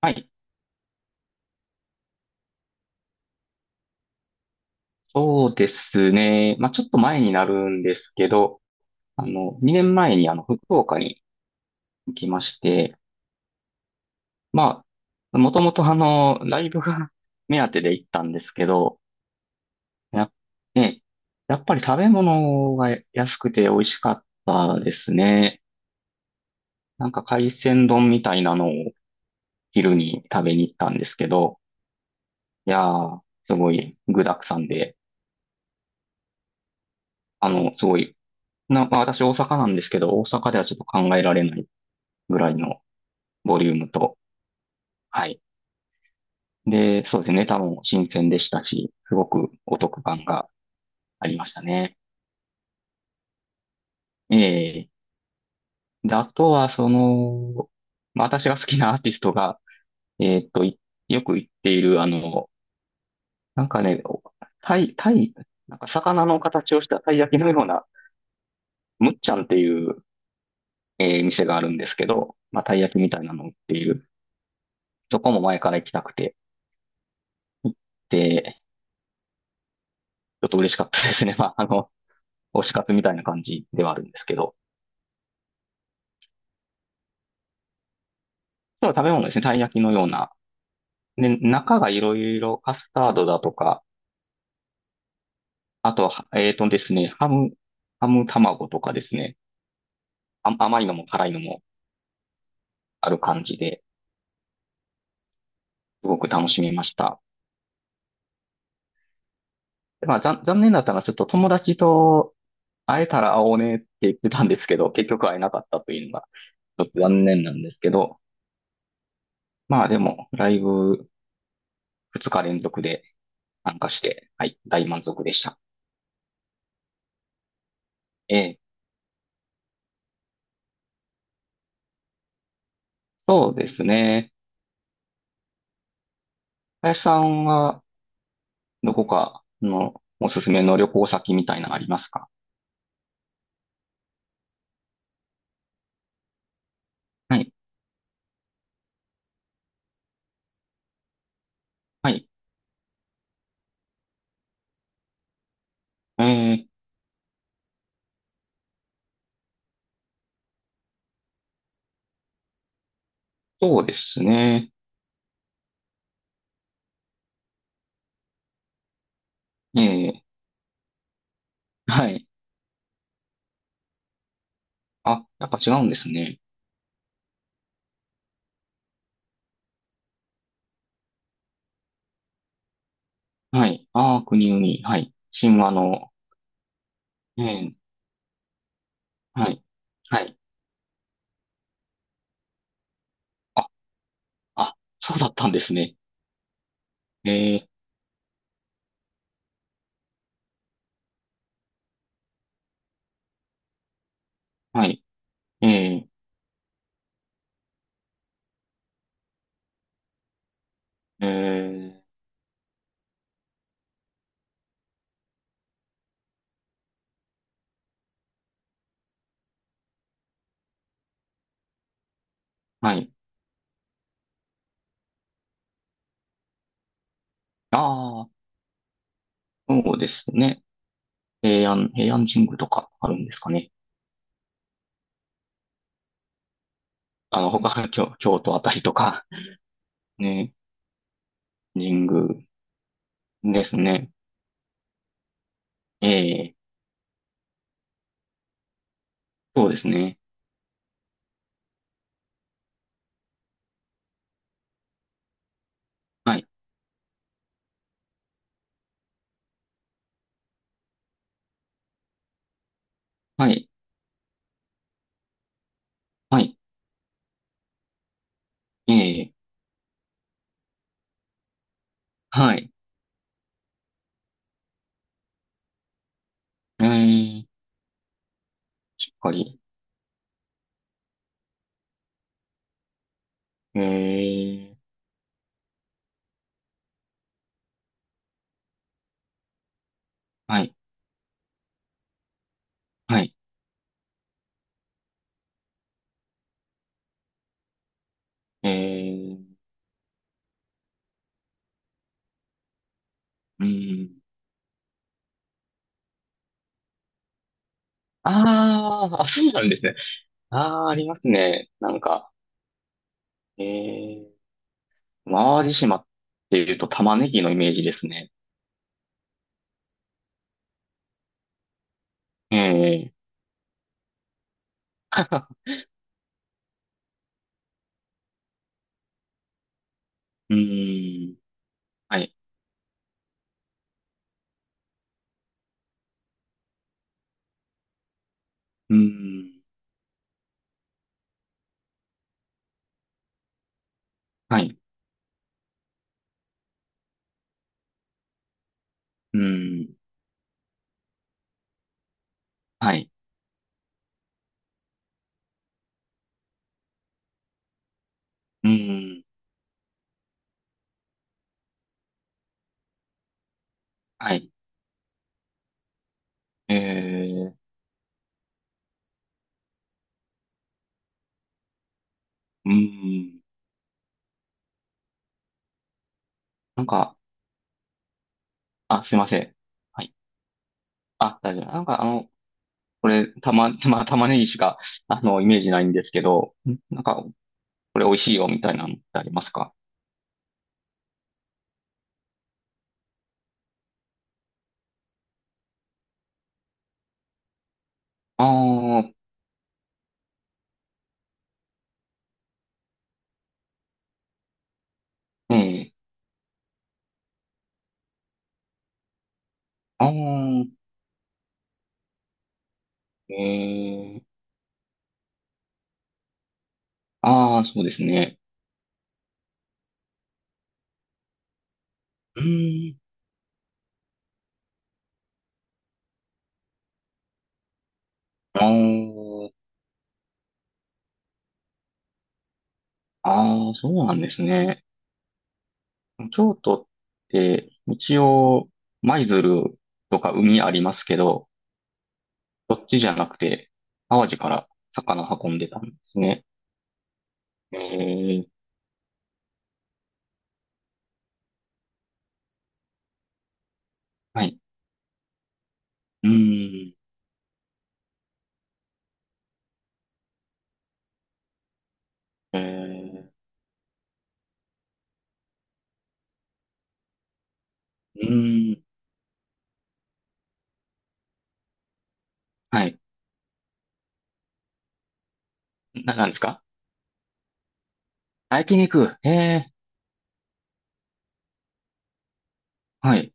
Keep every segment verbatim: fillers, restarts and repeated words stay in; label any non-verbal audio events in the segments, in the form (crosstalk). はい。そうですね。まあ、ちょっと前になるんですけど、あの、にねんまえにあの、福岡に行きまして、まあ、もともとあの、ライブが (laughs) 目当てで行ったんですけど、やっ、ね、やっぱり食べ物が安くて美味しかったですね。なんか海鮮丼みたいなのを昼に食べに行ったんですけど、いやー、すごい具沢山で、あの、すごい、な、まあ、私大阪なんですけど、大阪ではちょっと考えられない。ぐらいのボリュームと。はい。で、そうですね。ネタも新鮮でしたし、すごくお得感がありましたね。ええ。で、あとは、その、まあ、私が好きなアーティストが、えーっと、いよく行っている、あの、なんかね、おタイ、タイ、なんか魚の形をしたたい焼きのような、むっちゃんっていう、えー店があるんですけど、まあ、たい焼きみたいなのを売っている。そこも前から行きたくて、で、ちょっと嬉しかったですね。まあ、あの、推し活みたいな感じではあるんですけど。そう、食べ物ですね。たい焼きのような。で、中がいろいろカスタードだとか、あとは、えーとですね、ハム、ハム卵とかですね。あ、甘いのも辛いのもある感じで、すごく楽しめました。まあ、残残念だったのは、ちょっと友達と会えたら会おうねって言ってたんですけど、結局会えなかったというのが、ちょっと残念なんですけど、まあでも、ライブふつか連続で参加して、はい、大満足でした。ええ、そうですね。林さんは、どこかのおすすめの旅行先みたいなのありますか？はい。はい。えー、そうですね。えー、はい。あ、やっぱ違うんですね。はい。ああ、国々。はい。神話の。えー、はい。はい。あ、あ、そうだったんですね。えー、はい。えー、えー、はい。ああ、そうですね。平安、平安神宮とかあるんですかね。あの、他、京、京都あたりとか、ね、神宮ですね。ええそうですね。はい。はい。はい。ええ。はい。ええ。しっかり。ええ。はい。はい。ええ。うん。ああ、あ、そうなんですね。ああ、ありますね。なんか、ええ。淡路島っていうと玉ねぎのイメージですね。ええ。(laughs) うん。はい。うん。はい。うん。はい。うん。はい。ええ。うん。なんか、あ、すいません。はいあ、大丈夫。なんかあの、これ、たま、(laughs) まあ、玉ねぎしか、あの、イメージないんですけど、んなんか、これ美味しいよ、みたいなのってありますか？ああー、ええ、ああ、ええ、ああ、そうですね。うーん、ああ、ああ、そうなんですね。京都って、一応、舞鶴とか海ありますけど、そっちじゃなくて、淡路から魚運んでたんですね。ええ、はい。うーん、ええうーん。はい。な、なんですか？あ、焼肉。ええ、はい。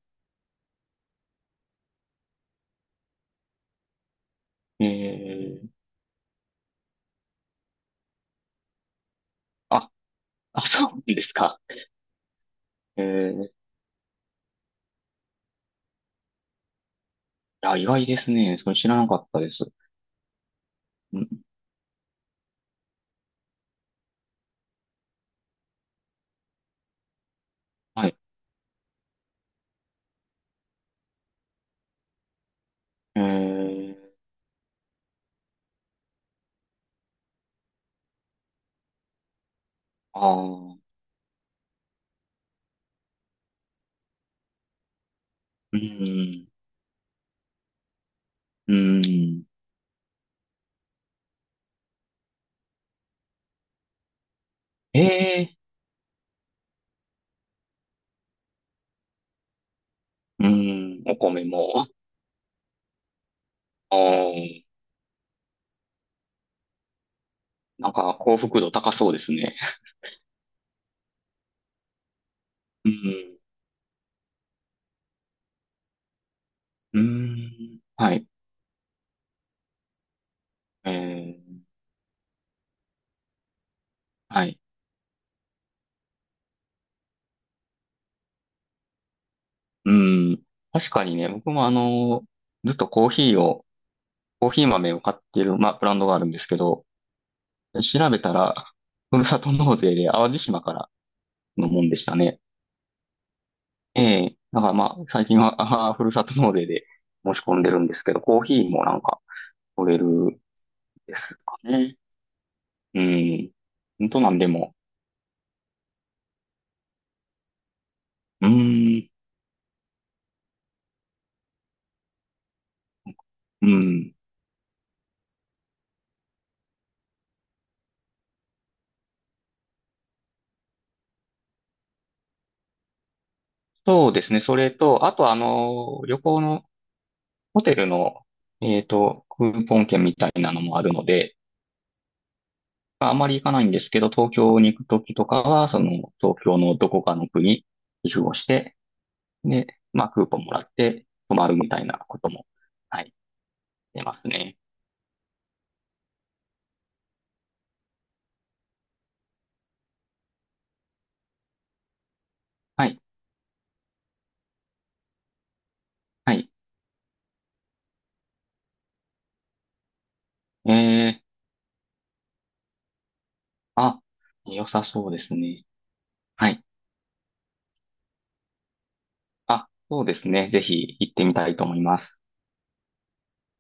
ええ、あ、あ、そうなんですか。ええ、いや、意外ですね。それ知らなかったです。うん、はい。ええ、ああ、うーん、うーん。ええ、うーん、お米も。あー、なんか幸福度高そうですね。うん、うーん、はい。ええ、はい。うん。確かにね、僕もあの、ずっとコーヒーを、コーヒー豆を買ってる、まあ、ブランドがあるんですけど、調べたら、ふるさと納税で淡路島からのもんでしたね。ええ。だからまあ、最近は、あーふるさと納税で申し込んでるんですけど、コーヒーもなんか取れるんですかね。うん。本当なんでも。うーん。うん。そうですね。それと、あとあの、旅行のホテルの、えっと、クーポン券みたいなのもあるので、あまり行かないんですけど、東京に行くときとかは、その、東京のどこかの区に寄付をして、で、まあ、クーポンもらって泊まるみたいなことも、はい、出ますね。はい、はい。えー、あ、良さそうですね。はい。あ、そうですね。ぜひ行ってみたいと思います。